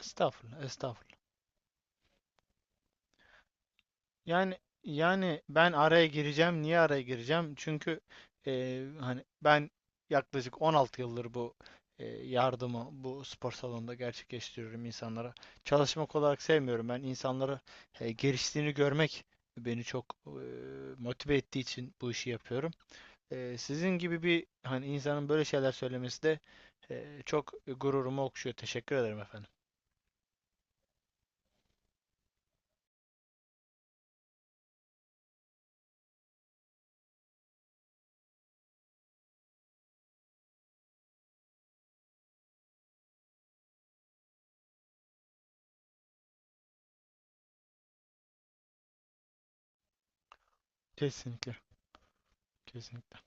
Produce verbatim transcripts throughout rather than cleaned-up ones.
Estağfurullah, estağfurullah. Yani yani ben araya gireceğim. Niye araya gireceğim? Çünkü e, hani ben yaklaşık on altı yıldır bu e, yardımı bu spor salonunda gerçekleştiriyorum insanlara. Çalışmak olarak sevmiyorum. Ben insanlara e, geliştiğini görmek beni çok e, motive ettiği için bu işi yapıyorum. E, sizin gibi bir hani insanın böyle şeyler söylemesi de e, çok gururumu okşuyor. Teşekkür ederim efendim. Kesinlikle, kesinlikle.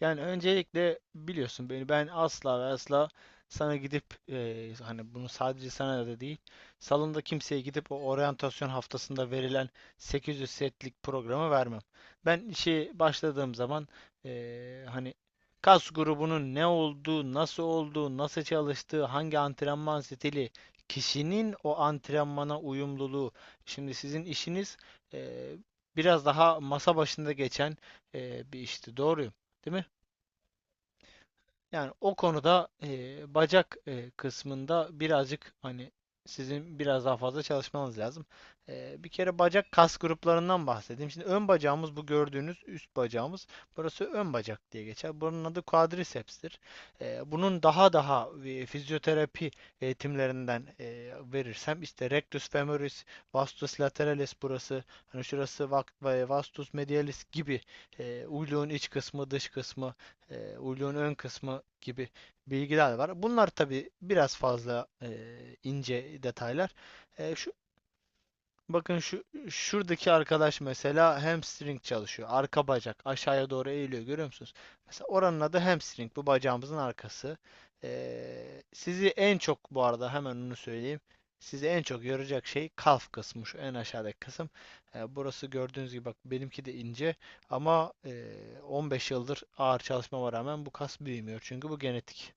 Yani öncelikle biliyorsun beni ben asla ve asla sana gidip eee, hani bunu sadece sana da değil salonda kimseye gidip o oryantasyon haftasında verilen sekiz yüz setlik programı vermem. Ben işe başladığım zaman eee, hani kas grubunun ne olduğu, nasıl olduğu, nasıl çalıştığı, hangi antrenman stili, kişinin o antrenmana uyumluluğu. Şimdi sizin işiniz eee, biraz daha masa başında geçen eee, bir işti. Doğruyum. Değil mi? Yani o konuda e, bacak e, kısmında birazcık hani sizin biraz daha fazla çalışmanız lazım. E, bir kere bacak kas gruplarından bahsedeyim. Şimdi ön bacağımız bu gördüğünüz üst bacağımız. Burası ön bacak diye geçer. Bunun adı quadriceps'tir. E, bunun daha daha e, fizyoterapi eğitimlerinden e, verirsem işte rectus femoris, vastus lateralis burası, hani şurası vastus medialis gibi e, uyluğun iç kısmı, dış kısmı, e, uyluğun ön kısmı gibi bilgiler var. Bunlar tabii biraz fazla e, ince detaylar. E, şu Bakın şu şuradaki arkadaş mesela hamstring çalışıyor. Arka bacak aşağıya doğru eğiliyor, görüyor musunuz? Mesela oranın adı hamstring. Bu bacağımızın arkası. Ee, sizi en çok bu arada hemen onu söyleyeyim. Sizi en çok yoracak şey kalf kısmı, şu en aşağıdaki kısım. Ee, burası gördüğünüz gibi, bak benimki de ince, ama e, on beş yıldır ağır çalışmama rağmen bu kas büyümüyor. Çünkü bu genetik.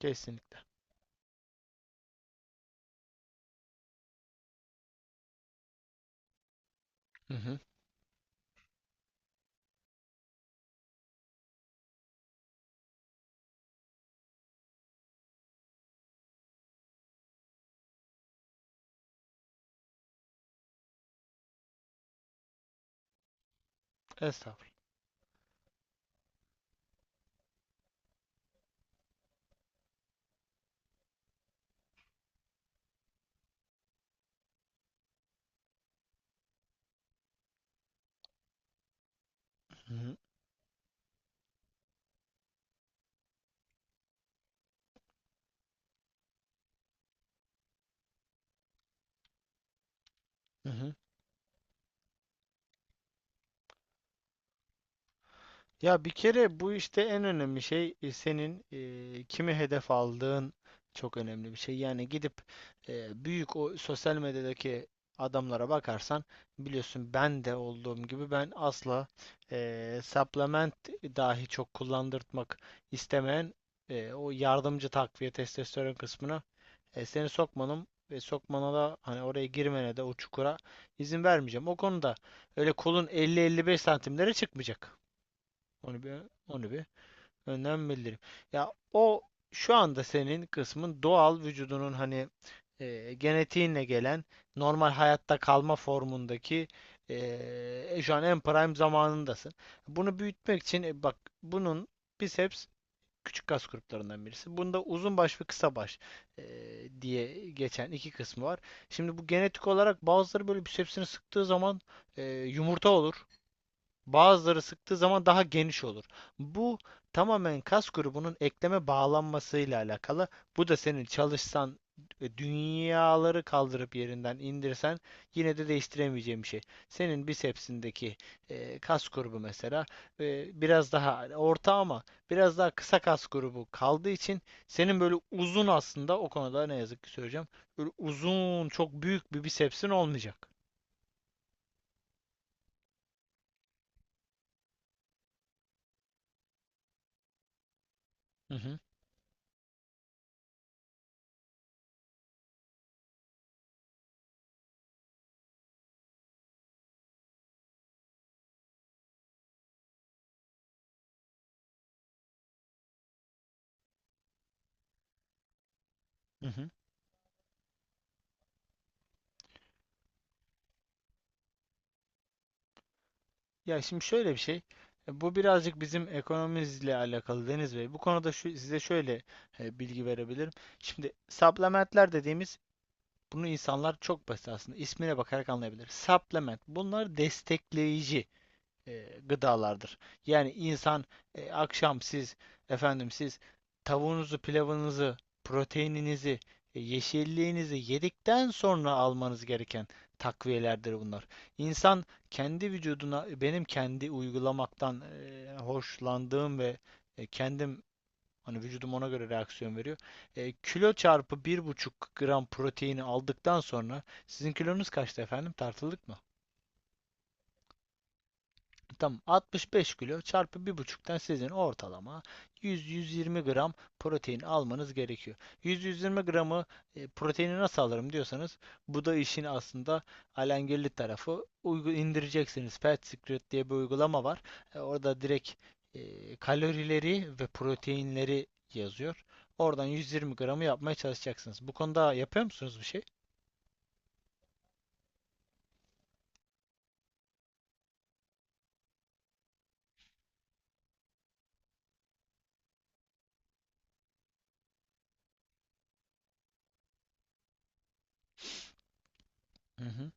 Kesinlikle. Hı hı. Estağfurullah. Hı hı. Hı hı. Ya bir kere bu işte en önemli şey e, senin e, kimi hedef aldığın çok önemli bir şey. Yani gidip e, büyük o sosyal medyadaki adamlara bakarsan, biliyorsun ben de olduğum gibi ben asla e, supplement dahi çok kullandırtmak istemeyen, e, o yardımcı takviye testosteron kısmına e, seni sokmanım ve sokmana da, hani oraya girmene de, o çukura izin vermeyeceğim. O konuda öyle kolun elli elli beş santimlere çıkmayacak. Onu bir onu bir önden bildireyim. Ya o şu anda senin kısmın doğal vücudunun, hani e, genetiğinle gelen normal hayatta kalma formundaki, e, şu an en prime zamanındasın. Bunu büyütmek için e, bak bunun, biceps küçük kas gruplarından birisi. Bunda uzun baş ve kısa baş e, diye geçen iki kısmı var. Şimdi bu genetik olarak, bazıları böyle bisepsini sıktığı zaman e, yumurta olur. Bazıları sıktığı zaman daha geniş olur. Bu tamamen kas grubunun ekleme bağlanmasıyla alakalı. Bu da senin çalışsan e, dünyaları kaldırıp yerinden indirsen yine de değiştiremeyeceğim bir şey. Senin bisepsindeki e, kas grubu mesela e, biraz daha orta ama biraz daha kısa kas grubu kaldığı için senin böyle uzun, aslında o konuda ne yazık ki söyleyeceğim. Böyle uzun çok büyük bir bisepsin olmayacak. Hı hı. Hı hı. Ya şimdi şöyle bir şey. e, Bu birazcık bizim ekonomimizle alakalı Deniz Bey. Bu konuda şu, size şöyle e, bilgi verebilirim. Şimdi supplementler dediğimiz, bunu insanlar çok basit aslında ismine bakarak anlayabilir. Supplement, bunlar destekleyici e, gıdalardır. Yani insan e, akşam siz, efendim siz tavuğunuzu, pilavınızı, proteininizi, e, yeşilliğinizi yedikten sonra almanız gereken takviyelerdir bunlar. İnsan kendi vücuduna, benim kendi uygulamaktan e, hoşlandığım ve e, kendim, hani vücudum ona göre reaksiyon veriyor. E, kilo çarpı bir buçuk gram proteini aldıktan sonra, sizin kilonuz kaçtı efendim? Tartıldık mı? Tamam, altmış beş kilo çarpı bir buçuktan sizin ortalama yüz yüz yirmi gram protein almanız gerekiyor. yüz yüz yirmi gramı e, proteini nasıl alırım diyorsanız, bu da işin aslında alengirli tarafı. Uygu indireceksiniz. Fat Secret diye bir uygulama var. E, orada direkt e, kalorileri ve proteinleri yazıyor. Oradan yüz yirmi gramı yapmaya çalışacaksınız. Bu konuda yapıyor musunuz bir şey? Hı hı.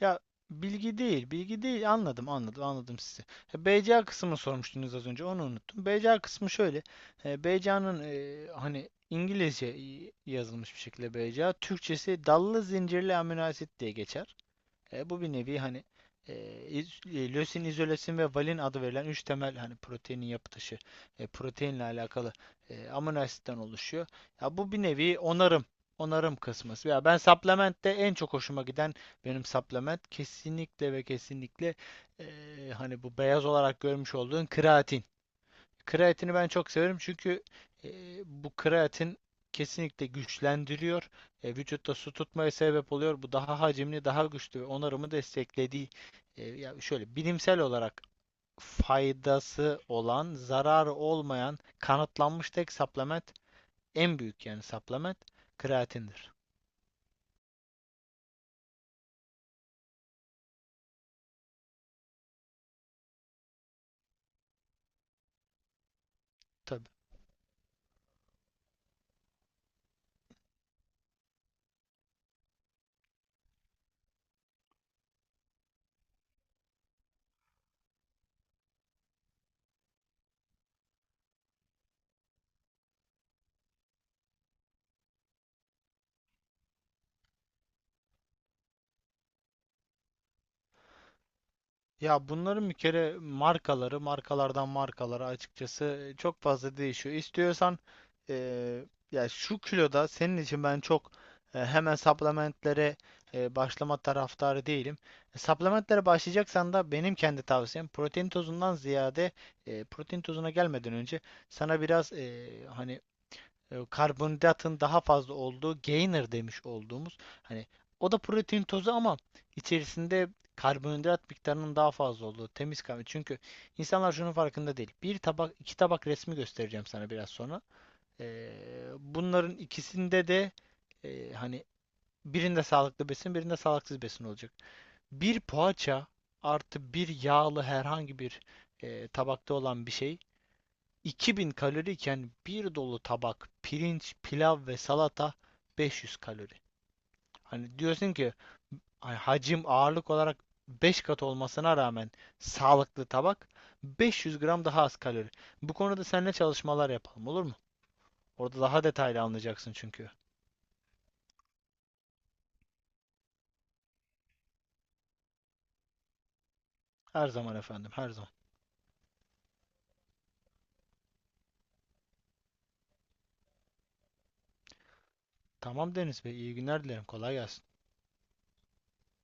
Ya bilgi değil, bilgi değil. Anladım, anladım, anladım sizi. E, B C A kısmını sormuştunuz az önce, onu unuttum. B C A kısmı şöyle. E, B C A'nın, hani İngilizce y- yazılmış bir şekilde B C A, Türkçesi dallı zincirli amino asit diye geçer. E, bu bir nevi, hani e, e, lösin, izolesin ve valin adı verilen üç temel, hani proteinin yapı taşı, e, proteinle alakalı e, amino asitten oluşuyor. Ya bu bir nevi onarım, onarım kısmı. Ya ben supplement'te en çok hoşuma giden, benim supplement kesinlikle ve kesinlikle, e, hani bu beyaz olarak görmüş olduğun kreatin. Kreatini ben çok severim çünkü e, bu kreatin kesinlikle güçlendiriyor. E, vücutta su tutmaya sebep oluyor. Bu daha hacimli, daha güçlü ve onarımı desteklediği, e, ya şöyle bilimsel olarak faydası olan, zararı olmayan kanıtlanmış tek supplement, en büyük yani supplement kreatindir. Tabii. Ya bunların bir kere markaları, markalardan markalara açıkçası e, çok fazla değişiyor. İstiyorsan eee, ya şu kiloda senin için ben çok e, hemen supplementlere e, başlama taraftarı değilim. E, Supplementlere başlayacaksan da benim kendi tavsiyem protein tozundan ziyade, e, protein tozuna gelmeden önce sana biraz, e, hani e, karbonhidratın daha fazla olduğu, gainer demiş olduğumuz, hani o da protein tozu ama içerisinde karbonhidrat miktarının daha fazla olduğu, temiz kahve. Çünkü insanlar şunun farkında değil. Bir tabak, iki tabak resmi göstereceğim sana biraz sonra. Ee, bunların ikisinde de, e, hani birinde sağlıklı besin, birinde sağlıksız besin olacak. Bir poğaça artı bir yağlı herhangi bir e, tabakta olan bir şey iki bin kaloriyken, bir dolu tabak pirinç, pilav ve salata beş yüz kalori. Hani diyorsun ki, hani hacim ağırlık olarak beş kat olmasına rağmen, sağlıklı tabak beş yüz gram daha az kalori. Bu konuda seninle çalışmalar yapalım, olur mu? Orada daha detaylı anlayacaksın çünkü. Her zaman efendim, her zaman. Tamam Deniz Bey, iyi günler dilerim. Kolay gelsin.